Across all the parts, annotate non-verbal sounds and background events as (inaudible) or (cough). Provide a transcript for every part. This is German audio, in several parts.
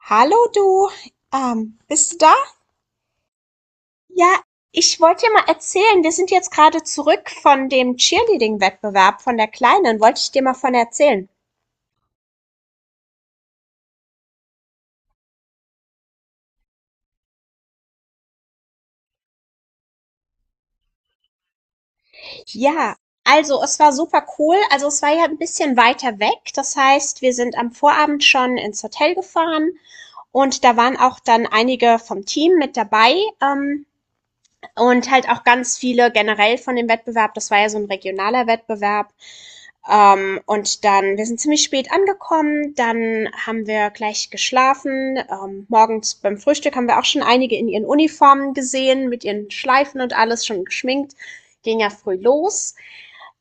Hallo du, bist du da? Ja, ich wollte dir mal erzählen, wir sind jetzt gerade zurück von dem Cheerleading-Wettbewerb von der Kleinen, wollte ich dir mal von erzählen. Ja, also es war super cool, also es war ja ein bisschen weiter weg, das heißt, wir sind am Vorabend schon ins Hotel gefahren und da waren auch dann einige vom Team mit dabei, ähm, und halt auch ganz viele generell von dem Wettbewerb, das war ja so ein regionaler Wettbewerb. Und dann wir sind ziemlich spät angekommen, dann haben wir gleich geschlafen. Morgens beim Frühstück haben wir auch schon einige in ihren Uniformen gesehen, mit ihren Schleifen und alles schon geschminkt. Ging ja früh los.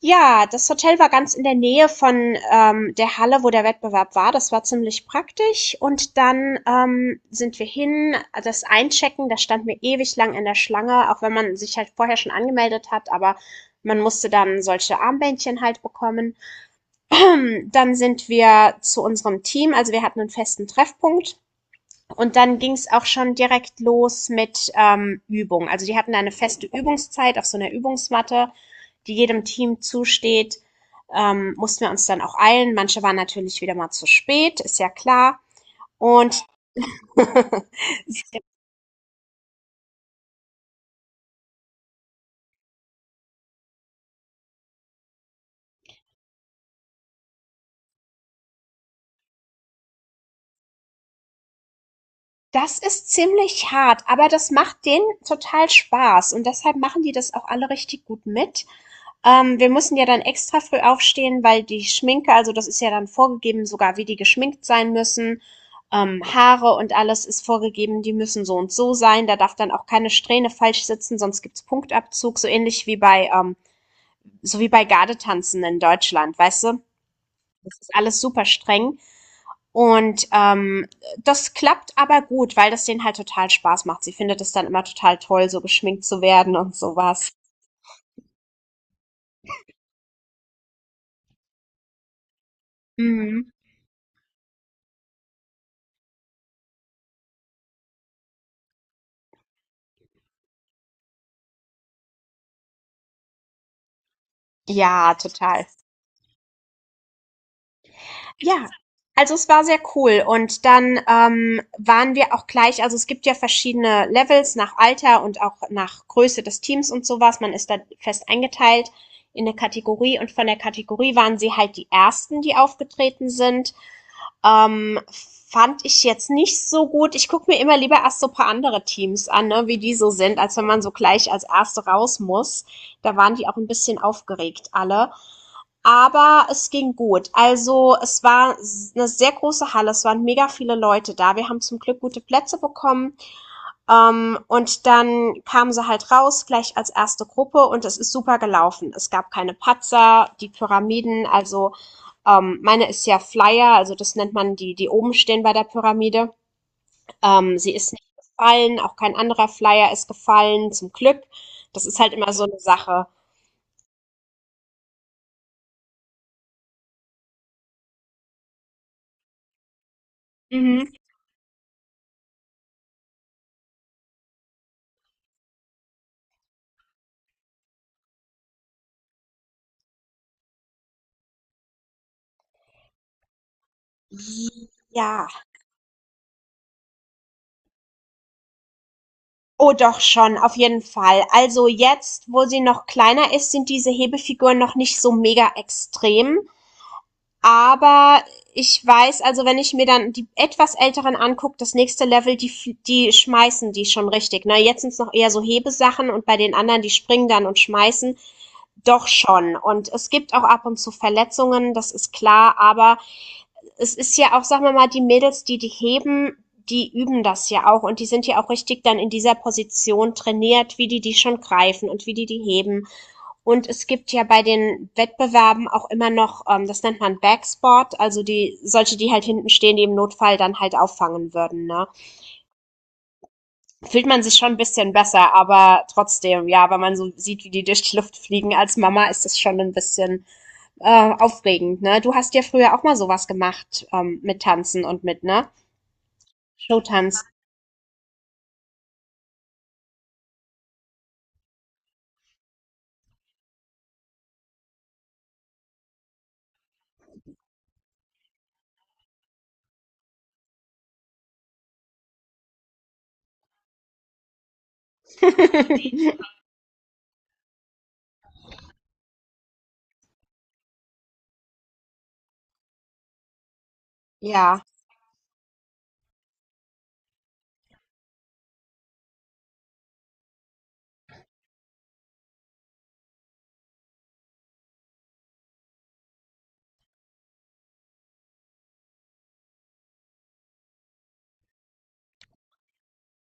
Ja, das Hotel war ganz in der Nähe von der Halle, wo der Wettbewerb war. Das war ziemlich praktisch. Und dann sind wir hin, das Einchecken, da standen wir ewig lang in der Schlange, auch wenn man sich halt vorher schon angemeldet hat, aber man musste dann solche Armbändchen halt bekommen. Dann sind wir zu unserem Team, also wir hatten einen festen Treffpunkt. Und dann ging es auch schon direkt los mit Übung. Also die hatten eine feste Übungszeit auf so einer Übungsmatte, die jedem Team zusteht. Mussten wir uns dann auch eilen. Manche waren natürlich wieder mal zu spät, ist ja klar. Und (laughs) das ist ziemlich hart, aber das macht denen total Spaß. Und deshalb machen die das auch alle richtig gut mit. Wir mussten ja dann extra früh aufstehen, weil die Schminke, also das ist ja dann vorgegeben, sogar wie die geschminkt sein müssen. Haare und alles ist vorgegeben, die müssen so und so sein. Da darf dann auch keine Strähne falsch sitzen, sonst gibt's Punktabzug, so ähnlich wie bei, so wie bei Gardetanzen in Deutschland, weißt du? Das ist alles super streng. Und das klappt aber gut, weil das denen halt total Spaß macht. Sie findet es dann immer total toll, so geschminkt zu werden und sowas. Mhm. Ja, total. Ja, also es war sehr cool und dann, waren wir auch gleich, also es gibt ja verschiedene Levels nach Alter und auch nach Größe des Teams und sowas. Man ist da fest eingeteilt in eine Kategorie und von der Kategorie waren sie halt die Ersten, die aufgetreten sind. Ähm, Fand ich jetzt nicht so gut. Ich gucke mir immer lieber erst so ein paar andere Teams an, ne, wie die so sind, als wenn man so gleich als Erste raus muss. Da waren die auch ein bisschen aufgeregt alle. Aber es ging gut. Also es war eine sehr große Halle, es waren mega viele Leute da. Wir haben zum Glück gute Plätze bekommen. Und dann kamen sie halt raus, gleich als erste Gruppe und es ist super gelaufen. Es gab keine Patzer, die Pyramiden, also meine ist ja Flyer, also das nennt man die, die oben stehen bei der Pyramide. Sie ist nicht gefallen, auch kein anderer Flyer ist gefallen, zum Glück. Das ist halt immer so eine Sache. Mhm. Ja, oh doch schon, auf jeden Fall. Also jetzt, wo sie noch kleiner ist, sind diese Hebefiguren noch nicht so mega extrem. Aber ich weiß, also wenn ich mir dann die etwas älteren angucke, das nächste Level, die, die schmeißen die schon richtig. Na, jetzt sind es noch eher so Hebesachen und bei den anderen, die springen dann und schmeißen. Doch schon. Und es gibt auch ab und zu Verletzungen, das ist klar, aber es ist ja auch, sagen wir mal, die Mädels, die die heben, die üben das ja auch und die sind ja auch richtig dann in dieser Position trainiert, wie die die schon greifen und wie die die heben. Und es gibt ja bei den Wettbewerben auch immer noch, das nennt man Backsport, also die solche, die halt hinten stehen, die im Notfall dann halt auffangen würden. Ne? Fühlt man sich schon ein bisschen besser, aber trotzdem, ja, wenn man so sieht, wie die durch die Luft fliegen als Mama, ist das schon ein bisschen aufregend. Ne? Du hast ja früher auch mal sowas gemacht, mit Tanzen und mit, ne? Showtanz. (laughs) Ja,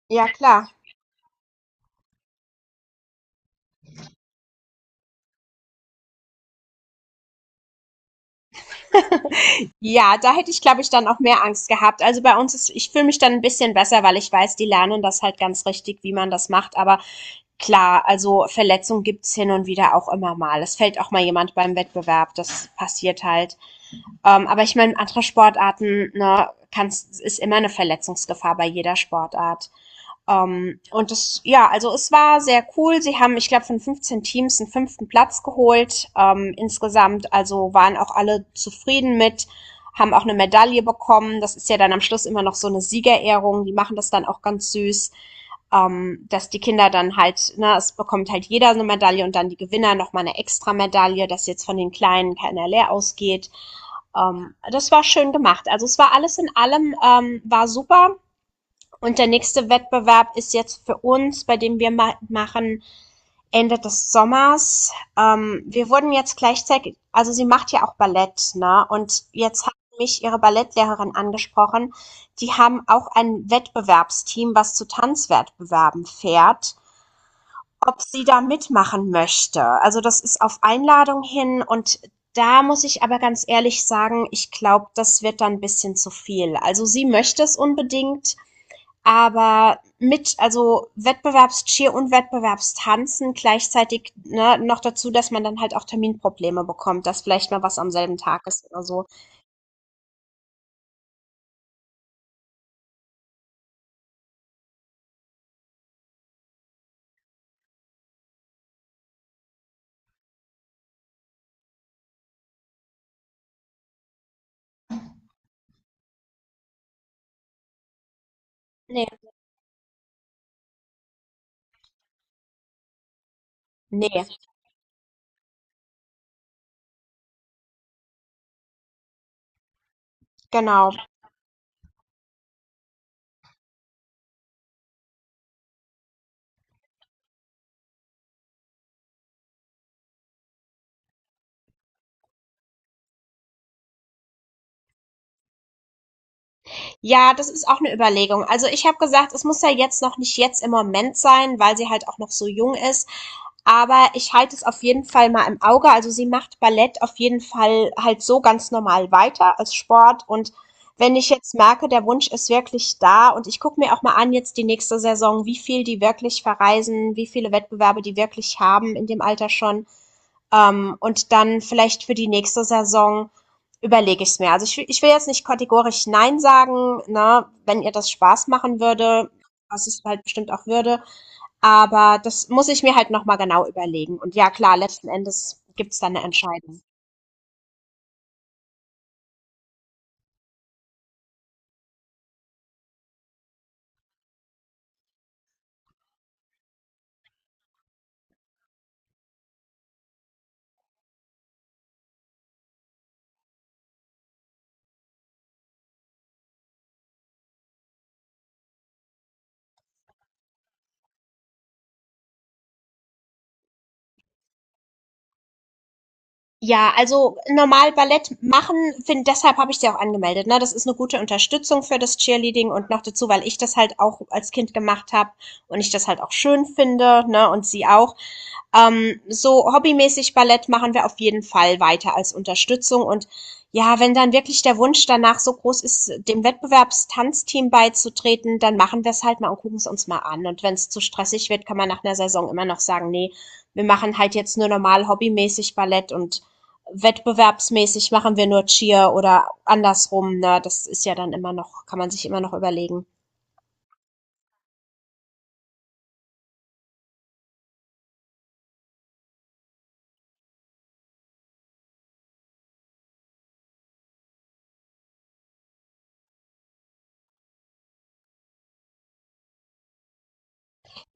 ja klar. Ja, da hätte ich, glaube ich, dann auch mehr Angst gehabt. Also bei uns ist, ich fühle mich dann ein bisschen besser, weil ich weiß, die lernen das halt ganz richtig, wie man das macht. Aber klar, also Verletzungen gibt's hin und wieder auch immer mal. Es fällt auch mal jemand beim Wettbewerb, das passiert halt. Aber ich meine, andere Sportarten, ne, kann's, ist immer eine Verletzungsgefahr bei jeder Sportart. Und das, ja, also es war sehr cool. Sie haben, ich glaube, von 15 Teams einen fünften Platz geholt. Insgesamt, also waren auch alle zufrieden mit, haben auch eine Medaille bekommen. Das ist ja dann am Schluss immer noch so eine Siegerehrung. Die machen das dann auch ganz süß, dass die Kinder dann halt, ne, es bekommt halt jeder so eine Medaille und dann die Gewinner nochmal eine extra Medaille, dass jetzt von den Kleinen keiner leer ausgeht. Das war schön gemacht. Also es war alles in allem, war super, und der nächste Wettbewerb ist jetzt für uns, bei dem wir ma machen Ende des Sommers. Wir wurden jetzt gleichzeitig, also sie macht ja auch Ballett, ne? Und jetzt hat mich ihre Ballettlehrerin angesprochen. Die haben auch ein Wettbewerbsteam, was zu Tanzwettbewerben fährt, ob sie da mitmachen möchte. Also das ist auf Einladung hin und da muss ich aber ganz ehrlich sagen, ich glaube, das wird dann ein bisschen zu viel. Also sie möchte es unbedingt, aber mit, also Wettbewerbscheer und Wettbewerbstanzen gleichzeitig, ne, noch dazu, dass man dann halt auch Terminprobleme bekommt, dass vielleicht mal was am selben Tag ist oder so. Nee. Nee, genau. Ja, das ist auch eine Überlegung. Also ich habe gesagt, es muss ja jetzt noch nicht jetzt im Moment sein, weil sie halt auch noch so jung ist. Aber ich halte es auf jeden Fall mal im Auge. Also sie macht Ballett auf jeden Fall halt so ganz normal weiter als Sport. Und wenn ich jetzt merke, der Wunsch ist wirklich da, und ich gucke mir auch mal an jetzt die nächste Saison, wie viel die wirklich verreisen, wie viele Wettbewerbe die wirklich haben in dem Alter schon. Und dann vielleicht für die nächste Saison überlege ich es mir. Also ich will jetzt nicht kategorisch Nein sagen, ne, wenn ihr das Spaß machen würde, was es halt bestimmt auch würde. Aber das muss ich mir halt nochmal genau überlegen. Und ja, klar, letzten Endes gibt's dann eine Entscheidung. Ja, also normal Ballett machen, find, deshalb habe ich sie auch angemeldet. Ne? Das ist eine gute Unterstützung für das Cheerleading und noch dazu, weil ich das halt auch als Kind gemacht habe und ich das halt auch schön finde, ne? Und sie auch. So hobbymäßig Ballett machen wir auf jeden Fall weiter als Unterstützung. Und ja, wenn dann wirklich der Wunsch danach so groß ist, dem Wettbewerbstanzteam beizutreten, dann machen wir es halt mal und gucken es uns mal an. Und wenn es zu stressig wird, kann man nach einer Saison immer noch sagen, nee, wir machen halt jetzt nur normal hobbymäßig Ballett und wettbewerbsmäßig machen wir nur Cheer oder andersrum. Ne? Das ist ja dann immer noch, kann man sich immer noch überlegen.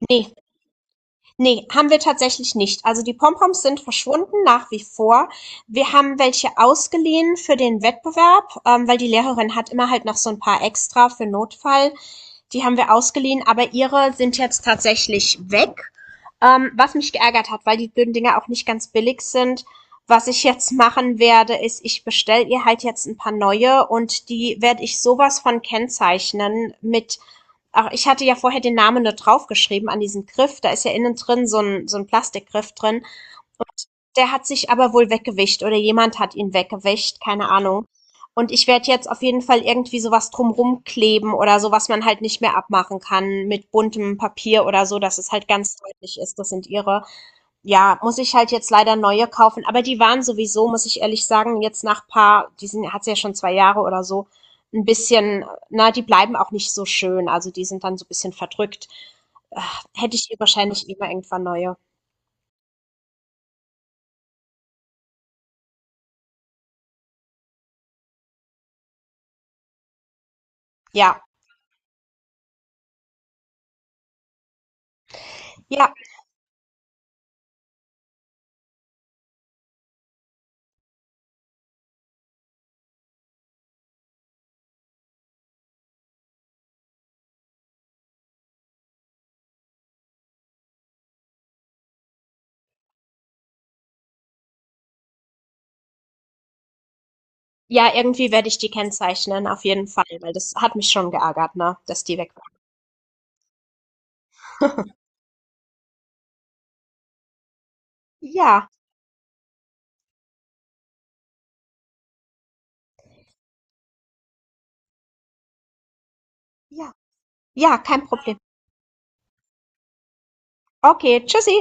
Nee, ne, haben wir tatsächlich nicht. Also die Pompoms sind verschwunden nach wie vor. Wir haben welche ausgeliehen für den Wettbewerb, weil die Lehrerin hat immer halt noch so ein paar extra für Notfall. Die haben wir ausgeliehen, aber ihre sind jetzt tatsächlich weg. Was mich geärgert hat, weil die blöden Dinger auch nicht ganz billig sind. Was ich jetzt machen werde, ist, ich bestelle ihr halt jetzt ein paar neue und die werde ich sowas von kennzeichnen mit. Ach, ich hatte ja vorher den Namen nur draufgeschrieben an diesen Griff. Da ist ja innen drin so ein Plastikgriff drin. Und der hat sich aber wohl weggewischt oder jemand hat ihn weggewischt, keine Ahnung. Und ich werde jetzt auf jeden Fall irgendwie sowas drumrum kleben oder so, was man halt nicht mehr abmachen kann, mit buntem Papier oder so, dass es halt ganz deutlich ist, das sind ihre. Ja, muss ich halt jetzt leider neue kaufen. Aber die waren sowieso, muss ich ehrlich sagen, jetzt nach paar, die sind, hat's ja schon 2 Jahre oder so, ein bisschen, na, die bleiben auch nicht so schön. Also die sind dann so ein bisschen verdrückt. Äh, Hätte ich hier wahrscheinlich immer irgendwann neue. Ja, ja, ja, irgendwie werde ich die kennzeichnen, auf jeden Fall, weil das hat mich schon geärgert, ne, dass die weg waren. Ja, ja, ja, kein Problem. Okay, tschüssi.